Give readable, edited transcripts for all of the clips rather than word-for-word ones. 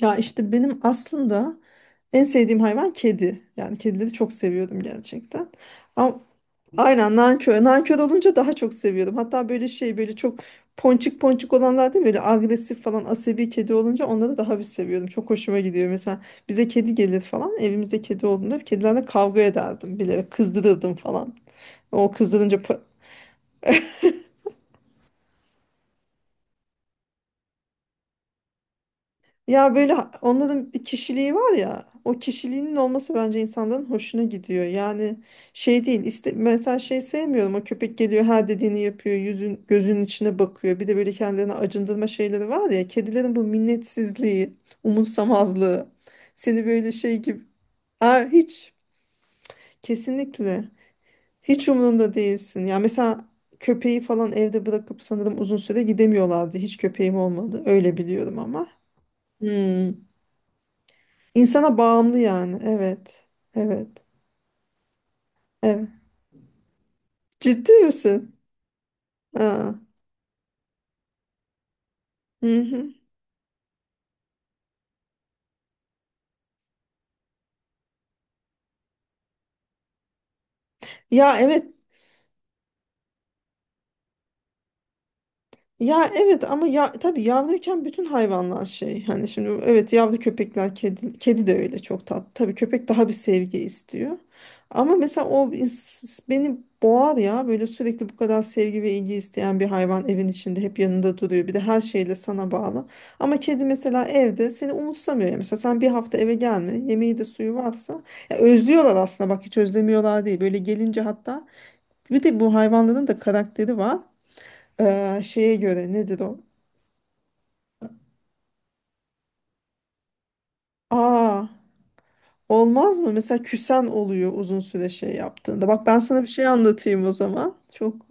Ya işte benim aslında en sevdiğim hayvan kedi. Yani kedileri çok seviyordum gerçekten. Ama aynen nankör. Nankör olunca daha çok seviyordum. Hatta böyle şey böyle çok ponçik ponçik olanlar değil mi? Böyle agresif falan asabi kedi olunca onları daha bir seviyordum. Çok hoşuma gidiyor. Mesela bize kedi gelir falan. Evimizde kedi olduğunda kedilerle kavga ederdim. Bilerek kızdırırdım falan. O kızdırınca pa- Ya böyle onların bir kişiliği var ya, o kişiliğinin olması bence insanların hoşuna gidiyor. Yani şey değil iste, mesela şey sevmiyorum, o köpek geliyor her dediğini yapıyor, yüzün gözünün içine bakıyor. Bir de böyle kendilerini acındırma şeyleri var ya, kedilerin bu minnetsizliği, umursamazlığı seni böyle şey gibi. Aa, hiç, kesinlikle hiç umurunda değilsin. Ya mesela köpeği falan evde bırakıp sanırım uzun süre gidemiyorlardı, hiç köpeğim olmadı, öyle biliyorum ama. Hmm. İnsana bağımlı yani. Evet. Evet. Evet. Ciddi misin? Aa. Hı hı. Ya evet. Ya evet, ama ya tabii yavruyken bütün hayvanlar şey, hani şimdi evet yavru köpekler, kedi kedi de öyle çok tatlı. Tabii köpek daha bir sevgi istiyor. Ama mesela beni boğar ya, böyle sürekli bu kadar sevgi ve ilgi isteyen bir hayvan evin içinde hep yanında duruyor. Bir de her şeyle sana bağlı. Ama kedi mesela evde seni umursamıyor ya. Mesela sen bir hafta eve gelme. Yemeği de suyu varsa, ya özlüyorlar aslında, bak hiç özlemiyorlar değil. Böyle gelince, hatta bir de bu hayvanların da karakteri var. Şeye göre nedir o? Aa, olmaz mı? Mesela küsen oluyor uzun süre şey yaptığında. Bak ben sana bir şey anlatayım o zaman. Çok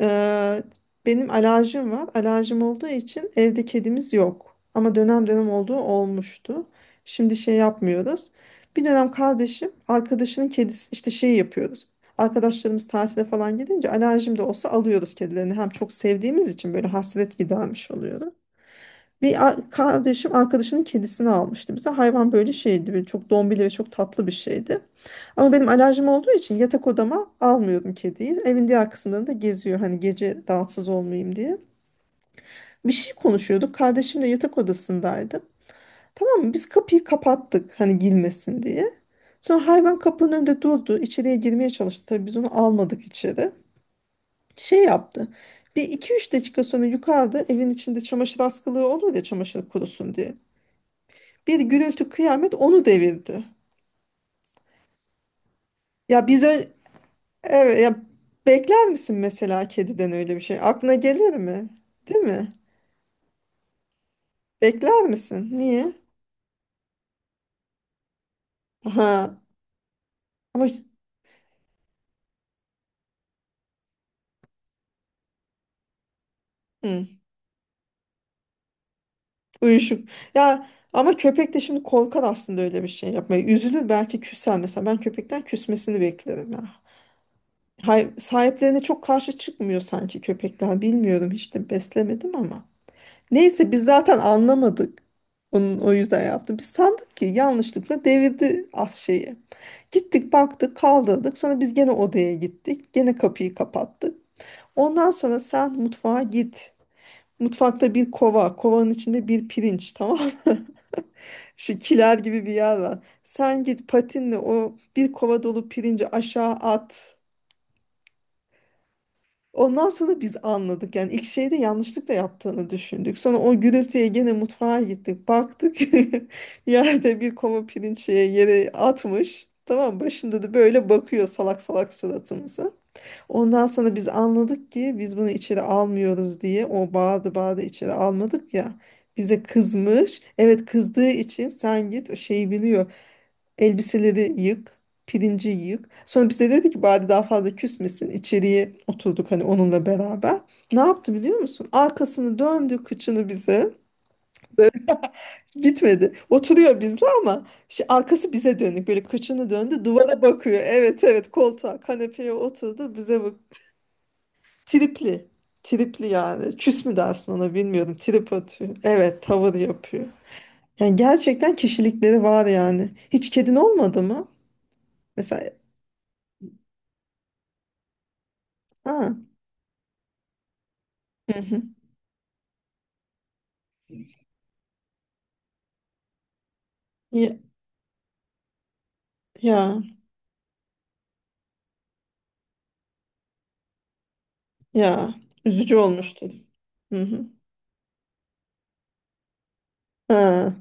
Eee, benim alerjim var. Alerjim olduğu için evde kedimiz yok. Ama dönem dönem olduğu olmuştu. Şimdi şey yapmıyoruz. Bir dönem kardeşim arkadaşının kedisi işte şey yapıyoruz. Arkadaşlarımız tatile falan gidince alerjim de olsa alıyoruz kedilerini. Hem çok sevdiğimiz için böyle hasret gidermiş oluyoruz. Kardeşim arkadaşının kedisini almıştı bize. Hayvan böyle şeydi, böyle çok dombili ve çok tatlı bir şeydi. Ama benim alerjim olduğu için yatak odama almıyordum kediyi. Evin diğer kısımlarında geziyor, hani gece rahatsız olmayayım diye. Bir şey konuşuyorduk. Kardeşim de yatak odasındaydı. Tamam mı? Biz kapıyı kapattık hani girmesin diye. Sonra hayvan kapının önünde durdu, içeriye girmeye çalıştı. Tabii biz onu almadık içeri. Şey yaptı. Bir iki üç dakika sonra yukarıda evin içinde çamaşır askılığı olur ya, çamaşır kurusun diye, bir gürültü kıyamet, onu devirdi. Ya biz ö- evet ya, bekler misin mesela kediden öyle bir şey? Aklına gelir mi? Değil mi? Bekler misin? Niye? Ha ama hı, uyuşuk. Ya ama köpek de şimdi korkar aslında öyle bir şey yapmaya. Üzülür belki, küser mesela. Ben köpekten küsmesini beklerim ya. Hay, sahiplerine çok karşı çıkmıyor sanki köpekler. Bilmiyorum, hiç de beslemedim ama. Neyse biz zaten anlamadık onun o yüzden yaptı. Biz sandık ki yanlışlıkla devirdi az şeyi. Gittik baktık kaldırdık. Sonra biz gene odaya gittik. Gene kapıyı kapattık. Ondan sonra sen mutfağa git. Mutfakta bir kova. Kovanın içinde bir pirinç, tamam mı? Şu kiler gibi bir yer var. Sen git patinle o bir kova dolu pirinci aşağı at. Ondan sonra biz anladık yani, ilk şeyde yanlışlıkla yaptığını düşündük. Sonra o gürültüye gene mutfağa gittik. Baktık yerde bir kova pirinç şeye, yere atmış. Tamam mı? Başında da böyle bakıyor salak salak suratımıza. Ondan sonra biz anladık ki, biz bunu içeri almıyoruz diye o bağırdı bağırdı, içeri almadık ya. Bize kızmış. Evet, kızdığı için sen git şeyi biliyor. Elbiseleri yık, pirinci yık. Sonra bize dedi ki bari daha fazla küsmesin. İçeriye oturduk hani onunla beraber. Ne yaptı biliyor musun? Arkasını döndü, kıçını bize. Böyle. Bitmedi. Oturuyor bizle, ama arkası bize dönük. Böyle kıçını döndü, duvara bakıyor. Evet evet, koltuğa, kanepeye oturdu bize bak. Tripli. Tripli yani. Küs mü dersin ona bilmiyorum. Trip atıyor. Evet tavır yapıyor. Yani gerçekten kişilikleri var yani. Hiç kedin olmadı mı? Mesela ha. Hı hı. Ya, ya, ya. Üzücü olmuştu. Hı hı. Ha,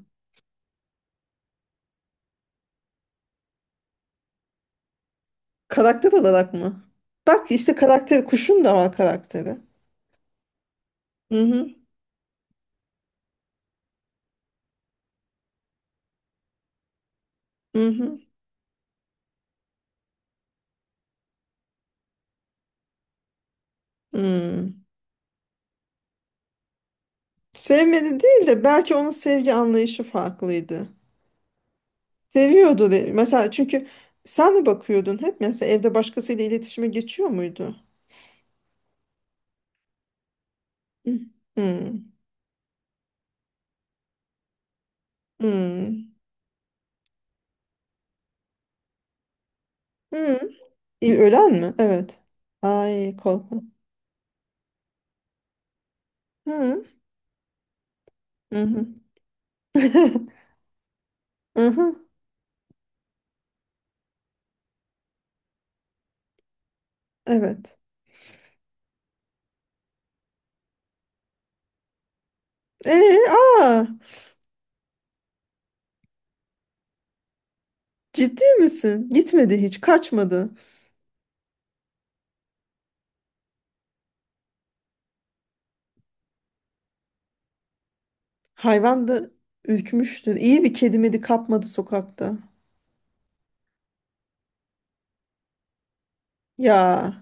karakter olarak mı? Bak işte karakter, kuşun da var karakteri. Hı hı, hı hı. Hmm. Sevmedi değil de, belki onun sevgi anlayışı farklıydı. Mesela çünkü sen mi bakıyordun hep? Mesela evde başkasıyla iletişime geçiyor muydu? Hı. Hmm. Hmm. Hmm. Ölen mi? Evet. Ay korkunç. Hı hı. Hı hı. Hı. Evet. Ee, aa, ciddi misin? Gitmedi hiç, kaçmadı. Hayvan da ürkmüştür. İyi bir kedi medi kapmadı sokakta. Ya.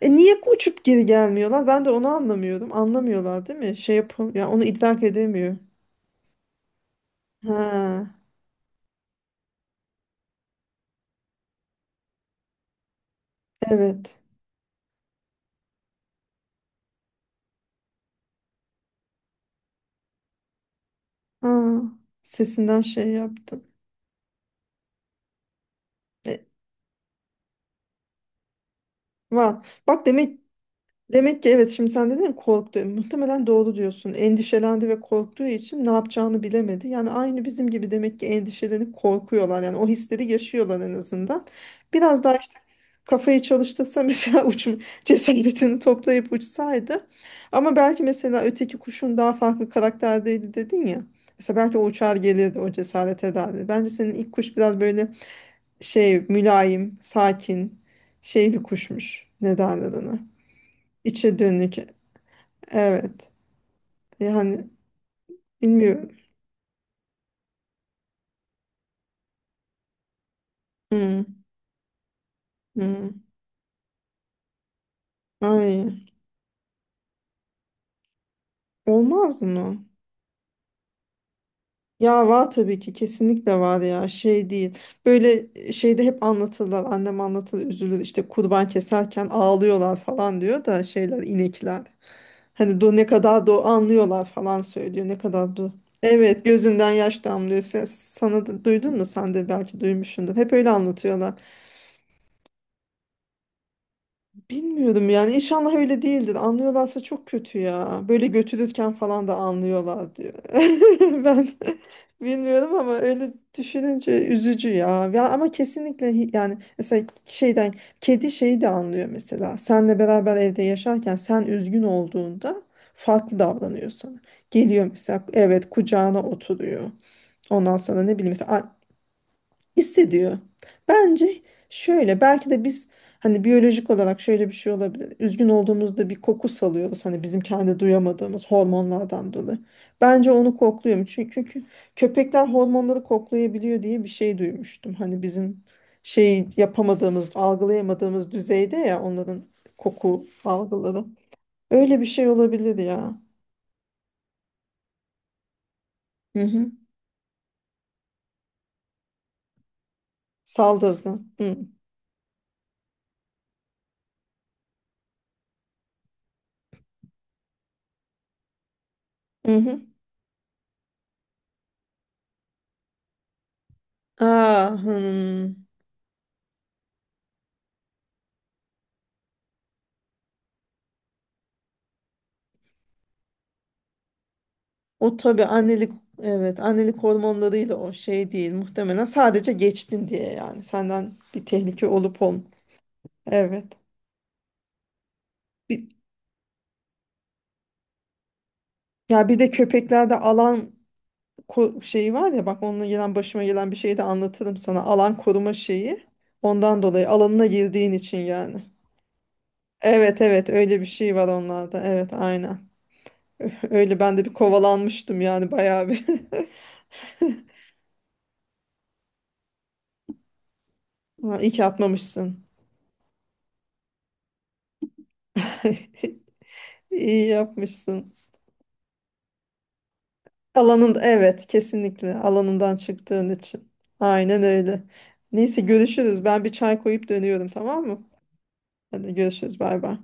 E niye uçup geri gelmiyorlar? Ben de onu anlamıyorum. Anlamıyorlar değil mi? Şey yapam ya, onu idrak edemiyor. Ha, evet. Ha, sesinden şey yaptım. E, var. Bak demek. Demek ki evet, şimdi sen dedin ya korktu. Muhtemelen doğru diyorsun. Endişelendi ve korktuğu için ne yapacağını bilemedi. Yani aynı bizim gibi demek ki endişelenip korkuyorlar. Yani o hisleri yaşıyorlar en azından. Biraz daha işte kafayı çalıştırsa mesela uçum cesaretini toplayıp uçsaydı. Ama belki mesela öteki kuşun daha farklı karakterdeydi dedin ya. Mesela belki o uçar gelirdi, o cesaret ederdi. Bence senin ilk kuş biraz böyle şey, mülayim, sakin, şey bir kuşmuş. Ne derler ona? İçe dönük. Evet. Yani bilmiyorum. Hmm, hmm. Ay, olmaz mı? Ya var tabii ki, kesinlikle var ya, şey değil. Böyle şeyde hep anlatırlar, annem anlatır, üzülür işte kurban keserken ağlıyorlar falan diyor da, şeyler inekler. Hani do ne kadar do anlıyorlar falan söylüyor, ne kadar do. Evet gözünden yaş damlıyor. Sana da duydun mu? Sen de belki duymuşsundur. Hep öyle anlatıyorlar. Bilmiyorum yani, inşallah öyle değildir. Anlıyorlarsa çok kötü ya. Böyle götürürken falan da anlıyorlar diyor. Ben bilmiyorum ama öyle düşününce üzücü ya. Ya ama kesinlikle yani mesela şeyden kedi şeyi de anlıyor mesela. Senle beraber evde yaşarken sen üzgün olduğunda farklı davranıyor sana. Geliyor mesela, evet kucağına oturuyor. Ondan sonra ne bileyim mesela hissediyor. Bence şöyle, belki de biz hani biyolojik olarak şöyle bir şey olabilir. Üzgün olduğumuzda bir koku salıyoruz hani, bizim kendi duyamadığımız hormonlardan dolayı. Bence onu kokluyorum çünkü, köpekler hormonları koklayabiliyor diye bir şey duymuştum. Hani bizim şey yapamadığımız, algılayamadığımız düzeyde ya onların koku algıları. Öyle bir şey olabilir ya. Hı hı. Saldırdı. Hı hı. Hı. Aa, hmm. O tabii annelik, evet annelik hormonlarıyla, o şey değil muhtemelen, sadece geçtin diye, yani senden bir tehlike olup ol. Evet. Bir, ya bir de köpeklerde alan şeyi var ya, bak onunla gelen başıma gelen bir şeyi de anlatırım sana. Alan koruma şeyi. Ondan dolayı, alanına girdiğin için yani. Evet evet öyle bir şey var onlarda. Evet aynen. Öyle ben de bir kovalanmıştım yani bayağı bir. Ha, İyi ki atmamışsın. İyi yapmışsın. Alanında, evet kesinlikle alanından çıktığın için. Aynen öyle. Neyse görüşürüz. Ben bir çay koyup dönüyorum tamam mı? Hadi görüşürüz, bay bay.